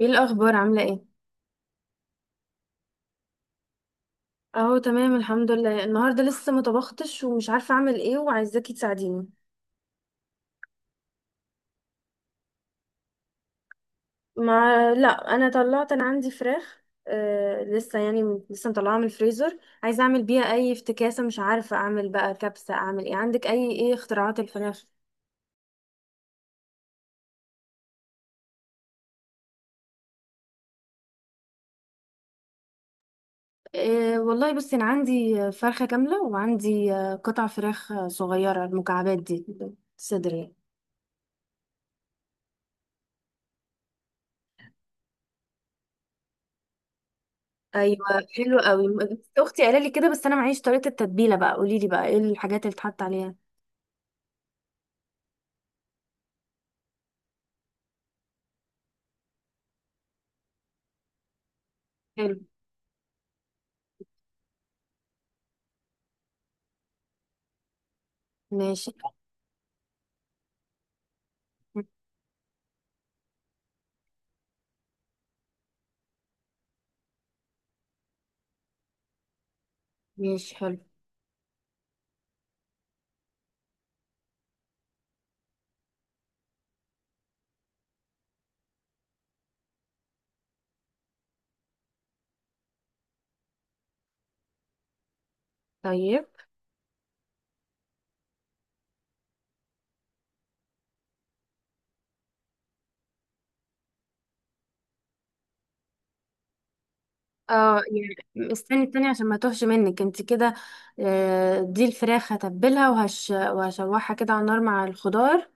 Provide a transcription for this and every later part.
ايه الاخبار؟ عامله ايه؟ اهو تمام الحمد لله. النهارده لسه ما طبختش ومش عارفه اعمل ايه، وعايزاكي تساعديني. ما لا، انا عندي فراخ. لسه يعني لسه مطلعاها من الفريزر. عايزه اعمل بيها اي افتكاسه، مش عارفه اعمل بقى كبسه، اعمل ايه؟ عندك اي، ايه اختراعات الفراخ؟ والله بصي، انا عندي فرخه كامله، وعندي قطع فراخ، صغيره، المكعبات دي. صدر يعني. ايوه، حلو قوي. اختي قالت لي كده، بس انا معيش طريقه التتبيله، بقى قولي لي بقى ايه الحاجات اللي اتحط عليها. حلو. ماشي. ماشي حلو. طيب. اه، يعني استني التانية عشان ما توهش منك انت كده. دي الفراخ هتبلها وهش وهشوحها كده على النار مع الخضار.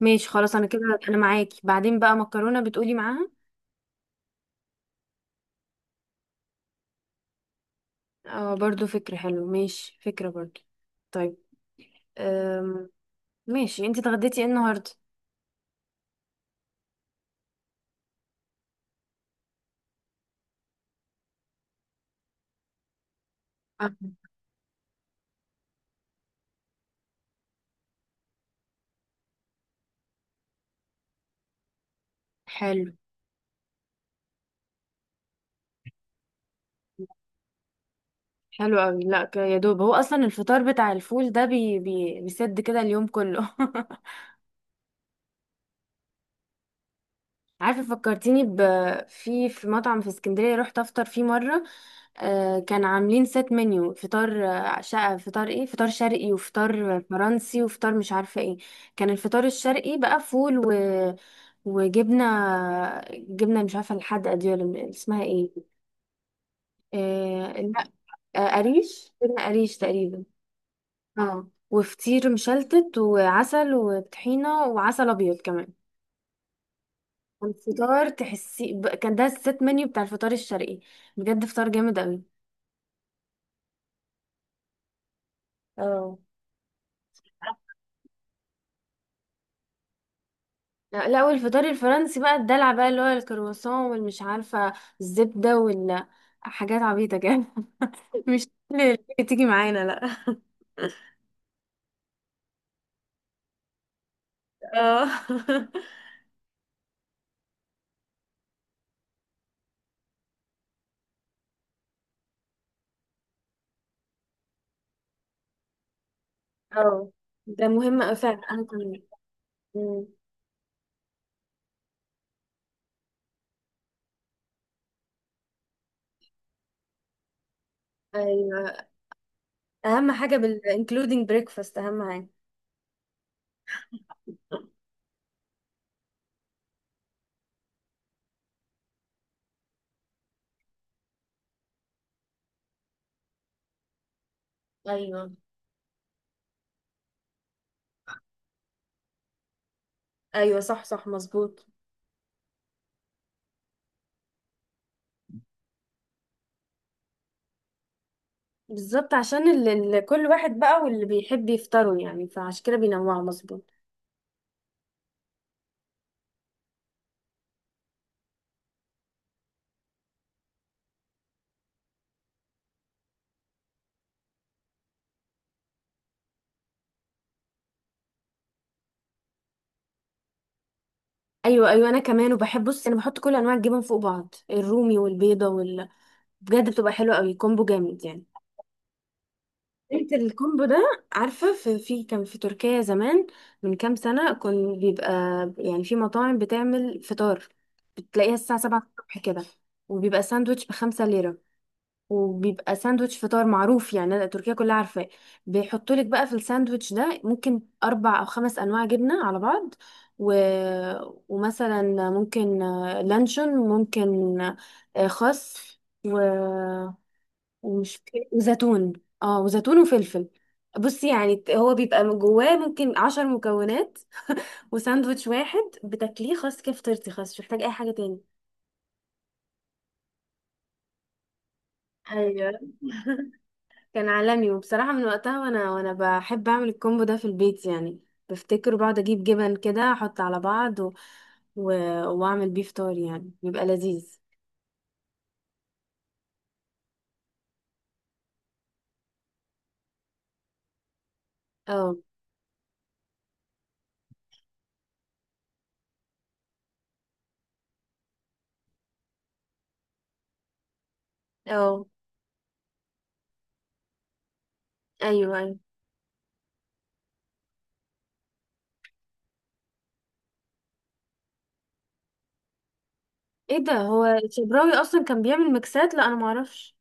ماشي خلاص، انا كده. انا معاكي. بعدين بقى مكرونة بتقولي معاها؟ اه، برضو فكرة حلو. ماشي، فكرة برضو. طيب. أم... ماشي. انت اتغديتي ايه النهاردة؟ آه، حلو. حلو قوي. لا، يا دوب، هو اصلا الفطار بتاع الفول ده بيسد كده اليوم كله. عارفة، فكرتيني في مطعم في اسكندرية رحت افطر فيه مرة. آه، كان عاملين سيت منيو فطار، شقة فطار، ايه، فطار شرقي وفطار فرنسي وفطار مش عارفة ايه. كان الفطار الشرقي بقى فول وجبنة. جبنة مش عارفة الحدقة دي ولا اسمها ايه. لا. آه، قريش، جبنة قريش تقريبا. اه، وفطير مشلتت وعسل وطحينة وعسل ابيض كمان. الفطار تحسي كان ده الست منيو بتاع الفطار الشرقي. بجد فطار جامد قوي. اه. لا لا، والفطار الفرنسي بقى الدلع، بقى اللي هو الكرواسون والمش عارفة الزبدة حاجات عبيطة كده. مش كل اللي تيجي معانا، لا. اه. اه، ده مهم أوي فعلا، انا كمان. أمم، ايوه، اهم حاجه including breakfast، اهم حاجه. ايوه، ايوه، صح صح، مظبوط. بالظبط، عشان اللي كل واحد بقى، واللي بيحب يفطروا يعني، فعشان كده بينوعوا، مظبوط. ايوه ايوه، انا كمان. وبحب، بص، انا بحط كل انواع الجبن فوق بعض، الرومي والبيضه بجد بتبقى حلوه قوي، كومبو جامد يعني. انت الكومبو ده. عارفه، في كان في تركيا زمان، من كام سنه، كان بيبقى يعني في مطاعم بتعمل فطار، بتلاقيها الساعه 7 الصبح كده. وبيبقى ساندوتش ب5 ليرة، وبيبقى ساندوتش فطار معروف، يعني أنا تركيا كلها عارفاه. بيحطوا لك بقى في الساندوتش ده ممكن اربع او خمس انواع جبنه على بعض، و... ومثلا ممكن لانشون، ممكن خس، و... ومش وزيتون. اه، وزيتون وفلفل. بصي، يعني هو بيبقى من جواه ممكن 10 مكونات، وساندوتش واحد بتاكليه، خلاص كده فطرتي، خلاص مش محتاج اي حاجه تاني. ايوه. كان عالمي، وبصراحة من وقتها، وانا بحب اعمل الكومبو ده في البيت يعني. بفتكر وبقعد اجيب جبن كده احط على بعض، و... واعمل بيه فطار، يعني بيبقى لذيذ. اه. اه. ايوه ايوه. ايه ده، هو الشبراوي اصلا كان بيعمل ميكسات؟ لا، انا معرفش.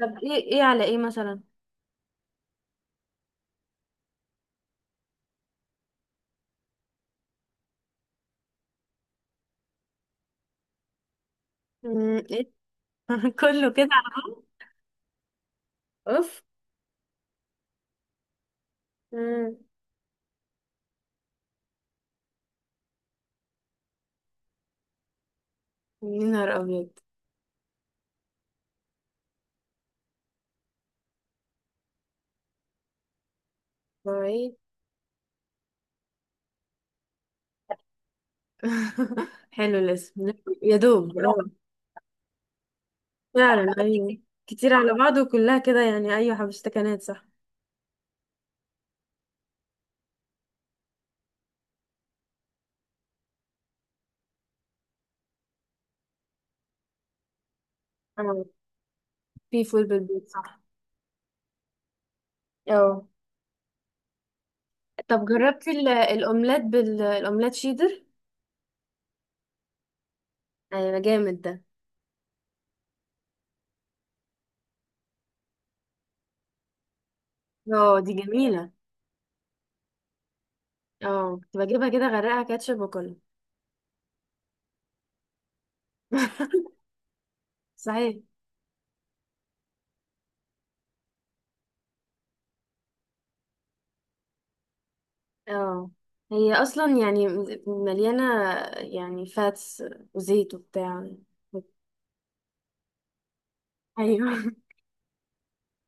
طب ايه، ايه على ايه مثلا؟ ايه. كله كده على بعض. اوف. مم، يا نهار ابيض. طيب. حلو الاسم. يا دوب اه. فعلا ايوه. كتير على بعض، وكلها كده يعني. ايوه، حبشتكنات، صح. اه. في فول بالبيت، صح. اه. طب جربتي الاومليت الاومليت شيدر؟ ايوه، جامد ده. اه، دي جميله. اه، كنت بجيبها كده، غرقها كاتشب واكلها. صحيح. اه، هي اصلا يعني مليانه يعني فاتس وزيت وبتاع. ايوه.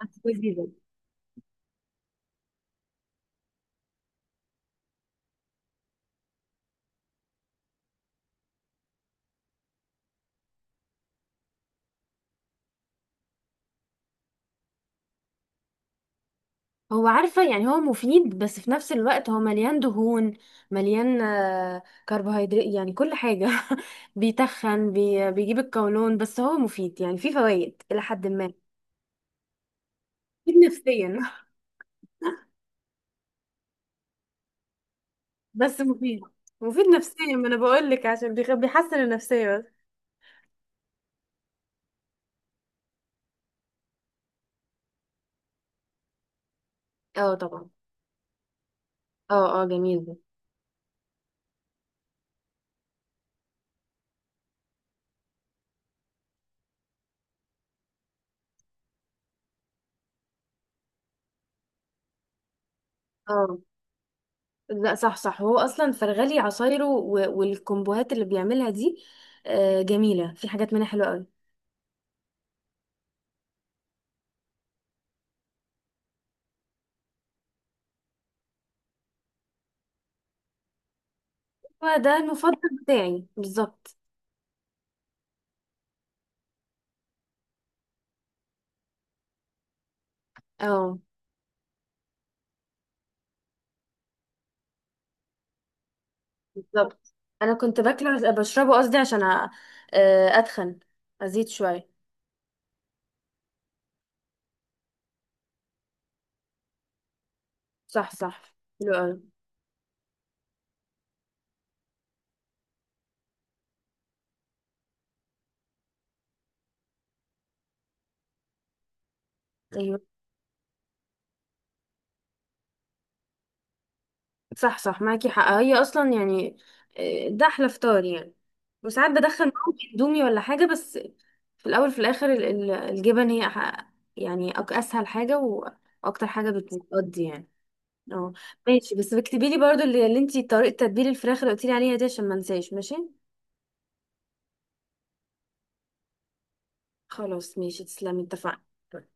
جديدة. هو عارفة، يعني هو مفيد، بس في نفس الوقت هو مليان دهون، مليان كربوهيدرات، يعني كل حاجة. بيتخن، بيجيب القولون، بس هو مفيد يعني، فيه فوائد إلى حد ما. مفيد نفسيا. بس مفيد. مفيد نفسيا، ما انا بقول لك، عشان بيحسن النفسية بس. اه، طبعا. اه. اه، جميل ده. اه. لا، صح صح، هو اصلا فرغلي عصايره والكومبوهات اللي بيعملها دي جميلة، في حاجات منها حلوة قوي. هو ده المفضل بتاعي بالظبط. اه، بالظبط. انا كنت باكله، بشربه قصدي، عشان اتخن، ازيد شويه. صح صح. حلو قوي. ايوه، صح صح، معاكي حق. هي اصلا يعني، ده احلى فطار يعني. وساعات بدخل معاهم اندومي ولا حاجه، بس في الاول، في الاخر، الجبن هي يعني اسهل حاجه، واكتر حاجه بتقضي يعني. اه. ماشي. بس اكتبي لي برضو اللي, انتي طريقه تتبيل الفراخ اللي قلتي لي عليها دي، عشان ما انساش. ماشي. خلاص، ماشي. تسلمي، اتفقنا.